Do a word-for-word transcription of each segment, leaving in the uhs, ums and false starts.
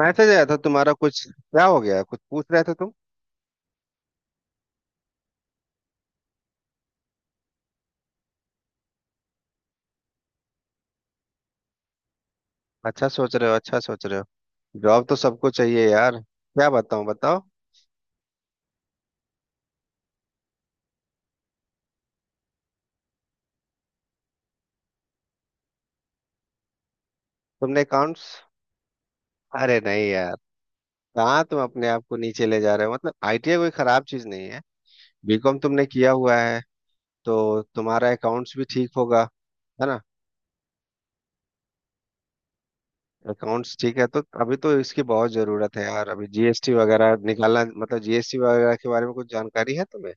Message आया था तुम्हारा। कुछ क्या हो गया? कुछ पूछ रहे थे तुम। अच्छा सोच रहे हो, अच्छा सोच रहे हो। जॉब तो सबको चाहिए यार, क्या बताऊं? बताओ। तुमने अकाउंट्स, अरे नहीं यार, कहाँ तुम अपने आप को नीचे ले जा रहे हो। मतलब आईटीआई कोई खराब चीज नहीं है। बीकॉम तुमने किया हुआ है तो तुम्हारा अकाउंट्स भी ठीक होगा, है ना? अकाउंट्स ठीक है तो अभी तो इसकी बहुत जरूरत है यार। अभी जीएसटी वगैरह निकालना, मतलब जीएसटी वगैरह के बारे में कुछ जानकारी है तुम्हें?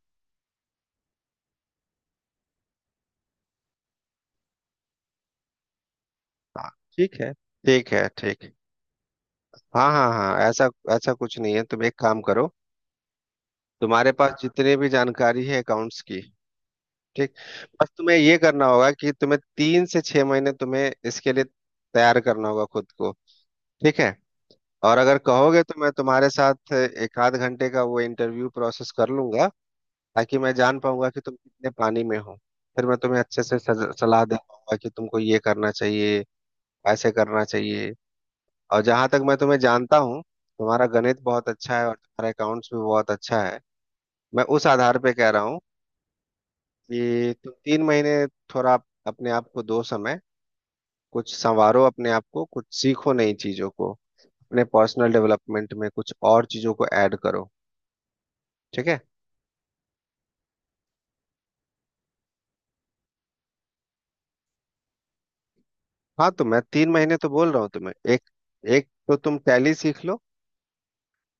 हाँ, ठीक है ठीक है ठीक है। हाँ हाँ हाँ, ऐसा ऐसा कुछ नहीं है। तुम एक काम करो, तुम्हारे पास जितने भी जानकारी है अकाउंट्स की, ठीक? बस तुम्हें ये करना होगा कि तुम्हें तीन से छह महीने तुम्हें इसके लिए तैयार करना होगा खुद को, ठीक है? और अगर कहोगे तो मैं तुम्हारे साथ एक आध घंटे का वो इंटरव्यू प्रोसेस कर लूंगा ताकि मैं जान पाऊंगा कि तुम कितने पानी में हो। फिर मैं तुम्हें अच्छे से सज- सलाह दे पाऊंगा कि तुमको ये करना चाहिए, ऐसे करना चाहिए। और जहां तक मैं तुम्हें जानता हूँ, तुम्हारा गणित बहुत अच्छा है और तुम्हारा अकाउंट्स भी बहुत अच्छा है। मैं उस आधार पे कह रहा हूँ कि तुम तीन महीने थोड़ा अपने आप को दो समय, कुछ संवारो अपने आप को, कुछ सीखो नई चीजों को, अपने पर्सनल डेवलपमेंट में कुछ और चीजों को ऐड करो, ठीक है? हाँ तो मैं तीन महीने तो बोल रहा हूँ तुम्हें। एक, एक तो तुम टैली सीख लो,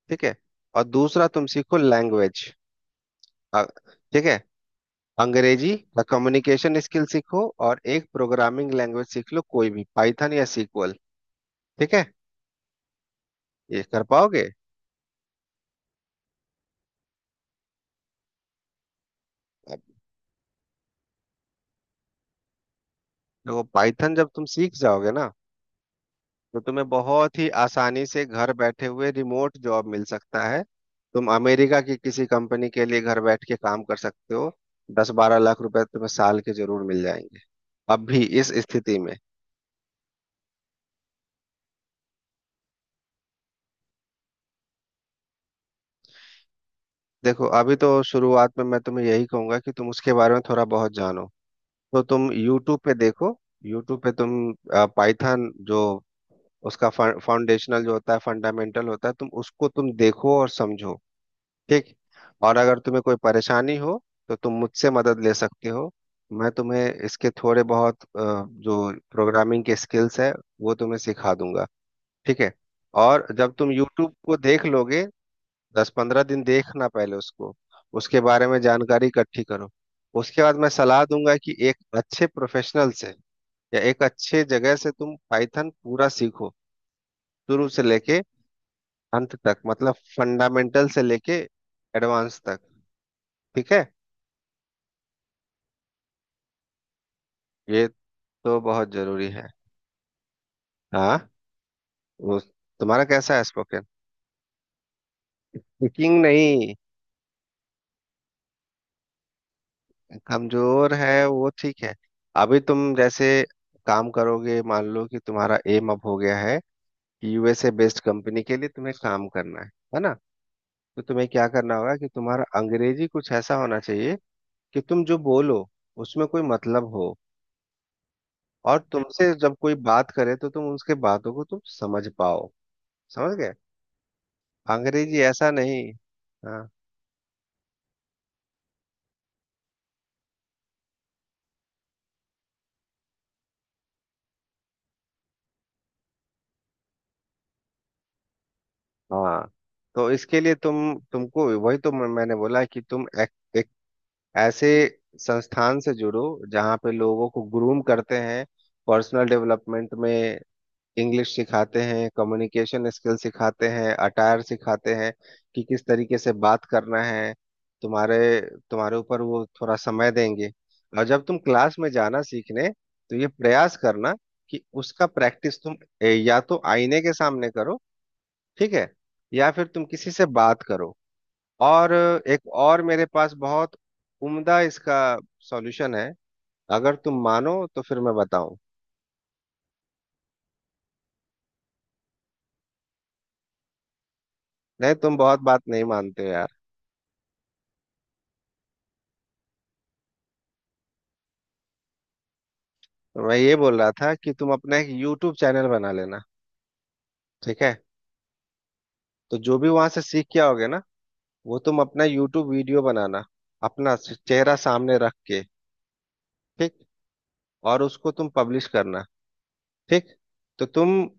ठीक है, और दूसरा तुम सीखो लैंग्वेज, ठीक है, अंग्रेजी या कम्युनिकेशन स्किल सीखो। और एक प्रोग्रामिंग लैंग्वेज सीख लो, कोई भी, पाइथन या सीक्वल, ठीक है? ये कर पाओगे? अब देखो, पाइथन जब तुम सीख जाओगे ना, तो तुम्हें बहुत ही आसानी से घर बैठे हुए रिमोट जॉब मिल सकता है। तुम अमेरिका की किसी कंपनी के लिए घर बैठ के काम कर सकते हो। दस बारह लाख रुपए तुम्हें साल के जरूर मिल जाएंगे, अब भी इस स्थिति में। देखो, अभी तो शुरुआत में मैं तुम्हें यही कहूंगा कि तुम उसके बारे में थोड़ा बहुत जानो, तो तुम YouTube पे देखो। YouTube पे तुम पाइथन जो उसका फाउंडेशनल जो होता है, फंडामेंटल होता है, तुम उसको तुम देखो और समझो, ठीक। और अगर तुम्हें कोई परेशानी हो तो तुम मुझसे मदद ले सकते हो। मैं तुम्हें इसके थोड़े बहुत अ, जो प्रोग्रामिंग के स्किल्स है वो तुम्हें सिखा दूंगा, ठीक है? और जब तुम YouTube को देख लोगे, दस पंद्रह दिन देखना पहले उसको, उसके बारे में जानकारी इकट्ठी करो, उसके बाद मैं सलाह दूंगा कि एक अच्छे प्रोफेशनल से या एक अच्छे जगह से तुम पाइथन पूरा सीखो, शुरू से लेके अंत तक, मतलब फंडामेंटल से लेके एडवांस तक, ठीक है? ये तो बहुत जरूरी है, हाँ वो। तुम्हारा कैसा है स्पोकन? स्पीकिंग नहीं? कमजोर है वो, ठीक है। अभी तुम जैसे काम करोगे, मान लो कि तुम्हारा एम अब हो गया है, यूएसए बेस्ड कंपनी के लिए तुम्हें काम करना है है ना? तो तुम्हें क्या करना होगा कि तुम्हारा अंग्रेजी कुछ ऐसा होना चाहिए कि तुम जो बोलो उसमें कोई मतलब हो, और तुमसे जब कोई बात करे तो तुम उसके बातों को तुम समझ पाओ, समझ गए? अंग्रेजी ऐसा नहीं। हाँ हाँ, तो इसके लिए तुम तुमको वही तो मैं- मैंने बोला कि तुम एक, एक ऐसे संस्थान से जुड़ो जहाँ पे लोगों को ग्रूम करते हैं, पर्सनल डेवलपमेंट में इंग्लिश सिखाते हैं, कम्युनिकेशन स्किल सिखाते हैं, अटायर सिखाते हैं, कि किस तरीके से बात करना है। तुम्हारे तुम्हारे ऊपर वो थोड़ा समय देंगे। और जब तुम क्लास में जाना सीखने तो ये प्रयास करना कि उसका प्रैक्टिस तुम ए, या तो आईने के सामने करो, ठीक है, या फिर तुम किसी से बात करो। और एक और मेरे पास बहुत उम्दा इसका सॉल्यूशन है, अगर तुम मानो तो फिर मैं बताऊं। नहीं तुम बहुत बात नहीं मानते हो यार। तो मैं ये बोल रहा था कि तुम अपना एक यूट्यूब चैनल बना लेना, ठीक है। तो जो भी वहां से सीख के आओगे ना, वो तुम अपना यूट्यूब वीडियो बनाना, अपना चेहरा सामने रख के, ठीक, और उसको तुम पब्लिश करना, ठीक। तो तुम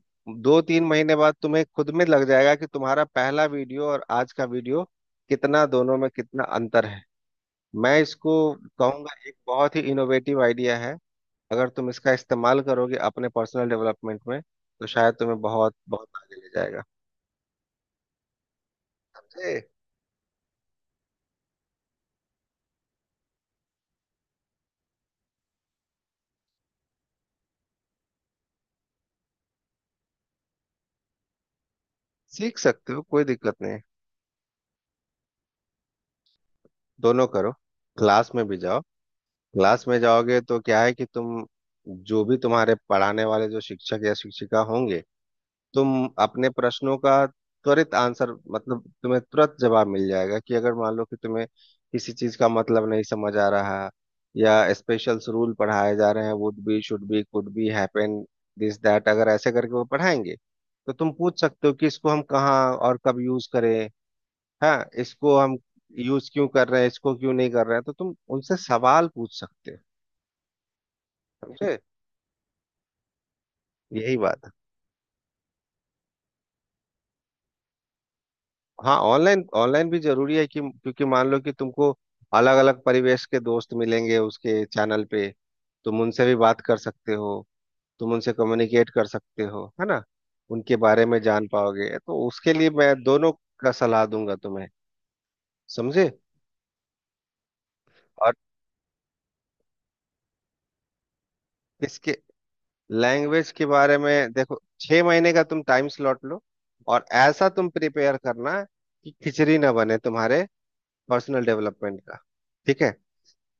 दो तीन महीने बाद तुम्हें खुद में लग जाएगा कि तुम्हारा पहला वीडियो और आज का वीडियो कितना, दोनों में कितना अंतर है। मैं इसको कहूंगा एक बहुत ही इनोवेटिव आइडिया है। अगर तुम इसका इस्तेमाल करोगे अपने पर्सनल डेवलपमेंट में तो शायद तुम्हें बहुत बहुत आगे ले जाएगा, समझे? सीख सकते हो कोई दिक्कत नहीं है। दोनों करो, क्लास में भी जाओ। क्लास में जाओगे तो क्या है कि तुम, जो भी तुम्हारे पढ़ाने वाले जो शिक्षक या शिक्षिका होंगे, तुम अपने प्रश्नों का त्वरित आंसर, मतलब तुम्हें तुरंत जवाब मिल जाएगा कि अगर मान लो कि तुम्हें किसी चीज का मतलब नहीं समझ आ रहा, या स्पेशल रूल पढ़ाए जा रहे हैं, would be should be could be happen this that, अगर ऐसे करके वो पढ़ाएंगे, तो तुम पूछ सकते हो कि इसको हम कहाँ और कब यूज करें, हाँ इसको हम यूज क्यों कर रहे हैं, इसको क्यों नहीं कर रहे हैं, तो तुम उनसे सवाल पूछ सकते हो, समझे? यही बात है। हाँ, ऑनलाइन ऑनलाइन भी जरूरी है, कि क्योंकि मान लो कि तुमको अलग अलग परिवेश के दोस्त मिलेंगे उसके चैनल पे, तुम उनसे भी बात कर सकते हो, तुम उनसे कम्युनिकेट कर सकते हो, है ना? उनके बारे में जान पाओगे, तो उसके लिए मैं दोनों का सलाह दूंगा तुम्हें, समझे? और इसके लैंग्वेज के बारे में देखो, छह महीने का तुम टाइम स्लॉट लो, और ऐसा तुम प्रिपेयर करना कि खिचड़ी ना बने तुम्हारे पर्सनल डेवलपमेंट का, ठीक है।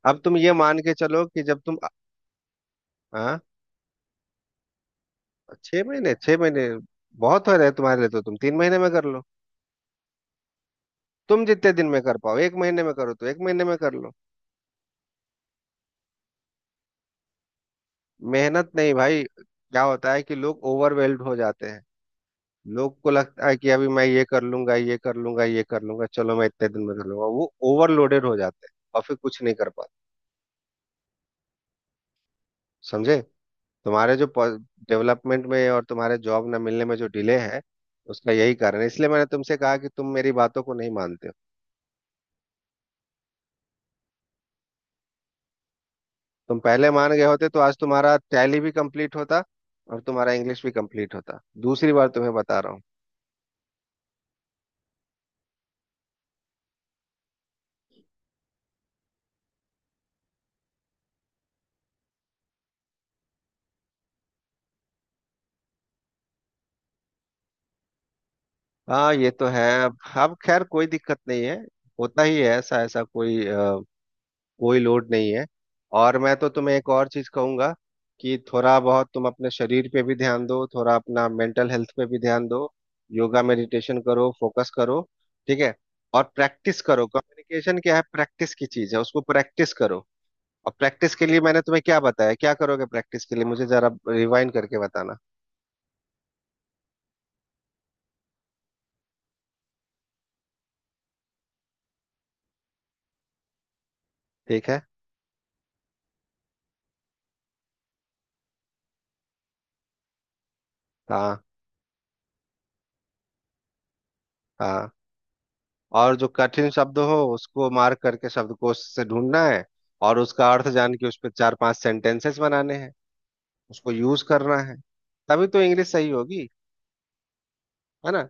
अब तुम ये मान के चलो कि जब तुम, हाँ, छह महीने, छह महीने बहुत हो रहे हैं तुम्हारे लिए तो तुम तीन महीने में कर लो, तुम जितने दिन में कर पाओ, एक महीने में करो तो एक महीने में कर लो। मेहनत नहीं भाई, क्या होता है कि लोग ओवरवेल्ड हो जाते हैं, लोग को लगता है कि अभी मैं ये कर लूंगा, ये कर लूंगा, ये कर लूंगा, चलो मैं इतने दिन में कर लूंगा, वो ओवरलोडेड हो जाते हैं और फिर कुछ नहीं कर पाते, समझे? तुम्हारे जो डेवलपमेंट में और तुम्हारे जॉब ना मिलने में जो डिले है, उसका यही कारण है। इसलिए मैंने तुमसे कहा कि तुम मेरी बातों को नहीं मानते हो। तुम पहले मान गए होते तो आज तुम्हारा टैली भी कंप्लीट होता और तुम्हारा इंग्लिश भी कंप्लीट होता, दूसरी बार तुम्हें बता रहा हूँ। हाँ ये तो है, अब अब खैर कोई दिक्कत नहीं है, होता ही है ऐसा, ऐसा कोई अ, कोई लोड नहीं है। और मैं तो तुम्हें एक और चीज कहूंगा कि थोड़ा बहुत तुम अपने शरीर पे भी ध्यान दो, थोड़ा अपना मेंटल हेल्थ पे भी ध्यान दो, योगा मेडिटेशन करो, फोकस करो, ठीक है। और प्रैक्टिस करो, कम्युनिकेशन क्या है, प्रैक्टिस की चीज है, उसको प्रैक्टिस करो। और प्रैक्टिस के लिए मैंने तुम्हें क्या बताया, क्या करोगे प्रैक्टिस के लिए, मुझे जरा रिवाइंड करके बताना। ठीक है, हाँ हाँ, और जो कठिन शब्द हो उसको मार्क करके शब्दकोश से ढूंढना है, और उसका अर्थ जान के उस पर चार पांच सेंटेंसेस बनाने हैं, उसको यूज करना है, तभी तो इंग्लिश सही होगी, है ना?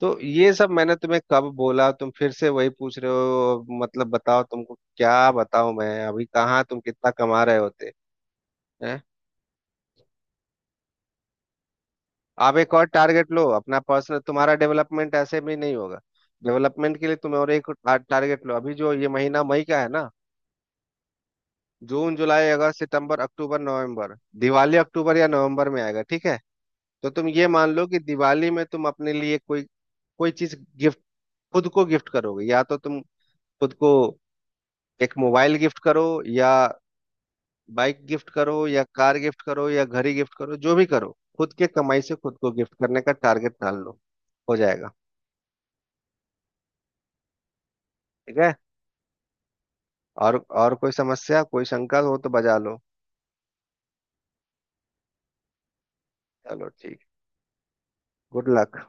तो ये सब मैंने तुम्हें कब बोला? तुम फिर से वही पूछ रहे हो, मतलब बताओ तुमको क्या बताऊं मैं, अभी कहाँ तुम कितना कमा रहे होते हैं। आप एक और टारगेट लो, अपना पर्सनल तुम्हारा डेवलपमेंट ऐसे भी नहीं होगा, डेवलपमेंट के लिए तुम और एक टारगेट लो। अभी जो ये महीना मई का है ना, जून जुलाई अगस्त सितंबर अक्टूबर नवंबर, दिवाली अक्टूबर या नवंबर में आएगा, ठीक है? तो तुम ये मान लो कि दिवाली में तुम अपने लिए कोई, कोई चीज गिफ्ट, खुद को गिफ्ट करोगे, या तो तुम खुद को एक मोबाइल गिफ्ट करो, या बाइक गिफ्ट करो, या कार गिफ्ट करो, या घड़ी गिफ्ट करो, जो भी करो, खुद के कमाई से खुद को गिफ्ट करने का टारगेट ठान लो, हो जाएगा, ठीक है। और और कोई समस्या, कोई शंका हो तो बजा लो। चलो ठीक, गुड लक।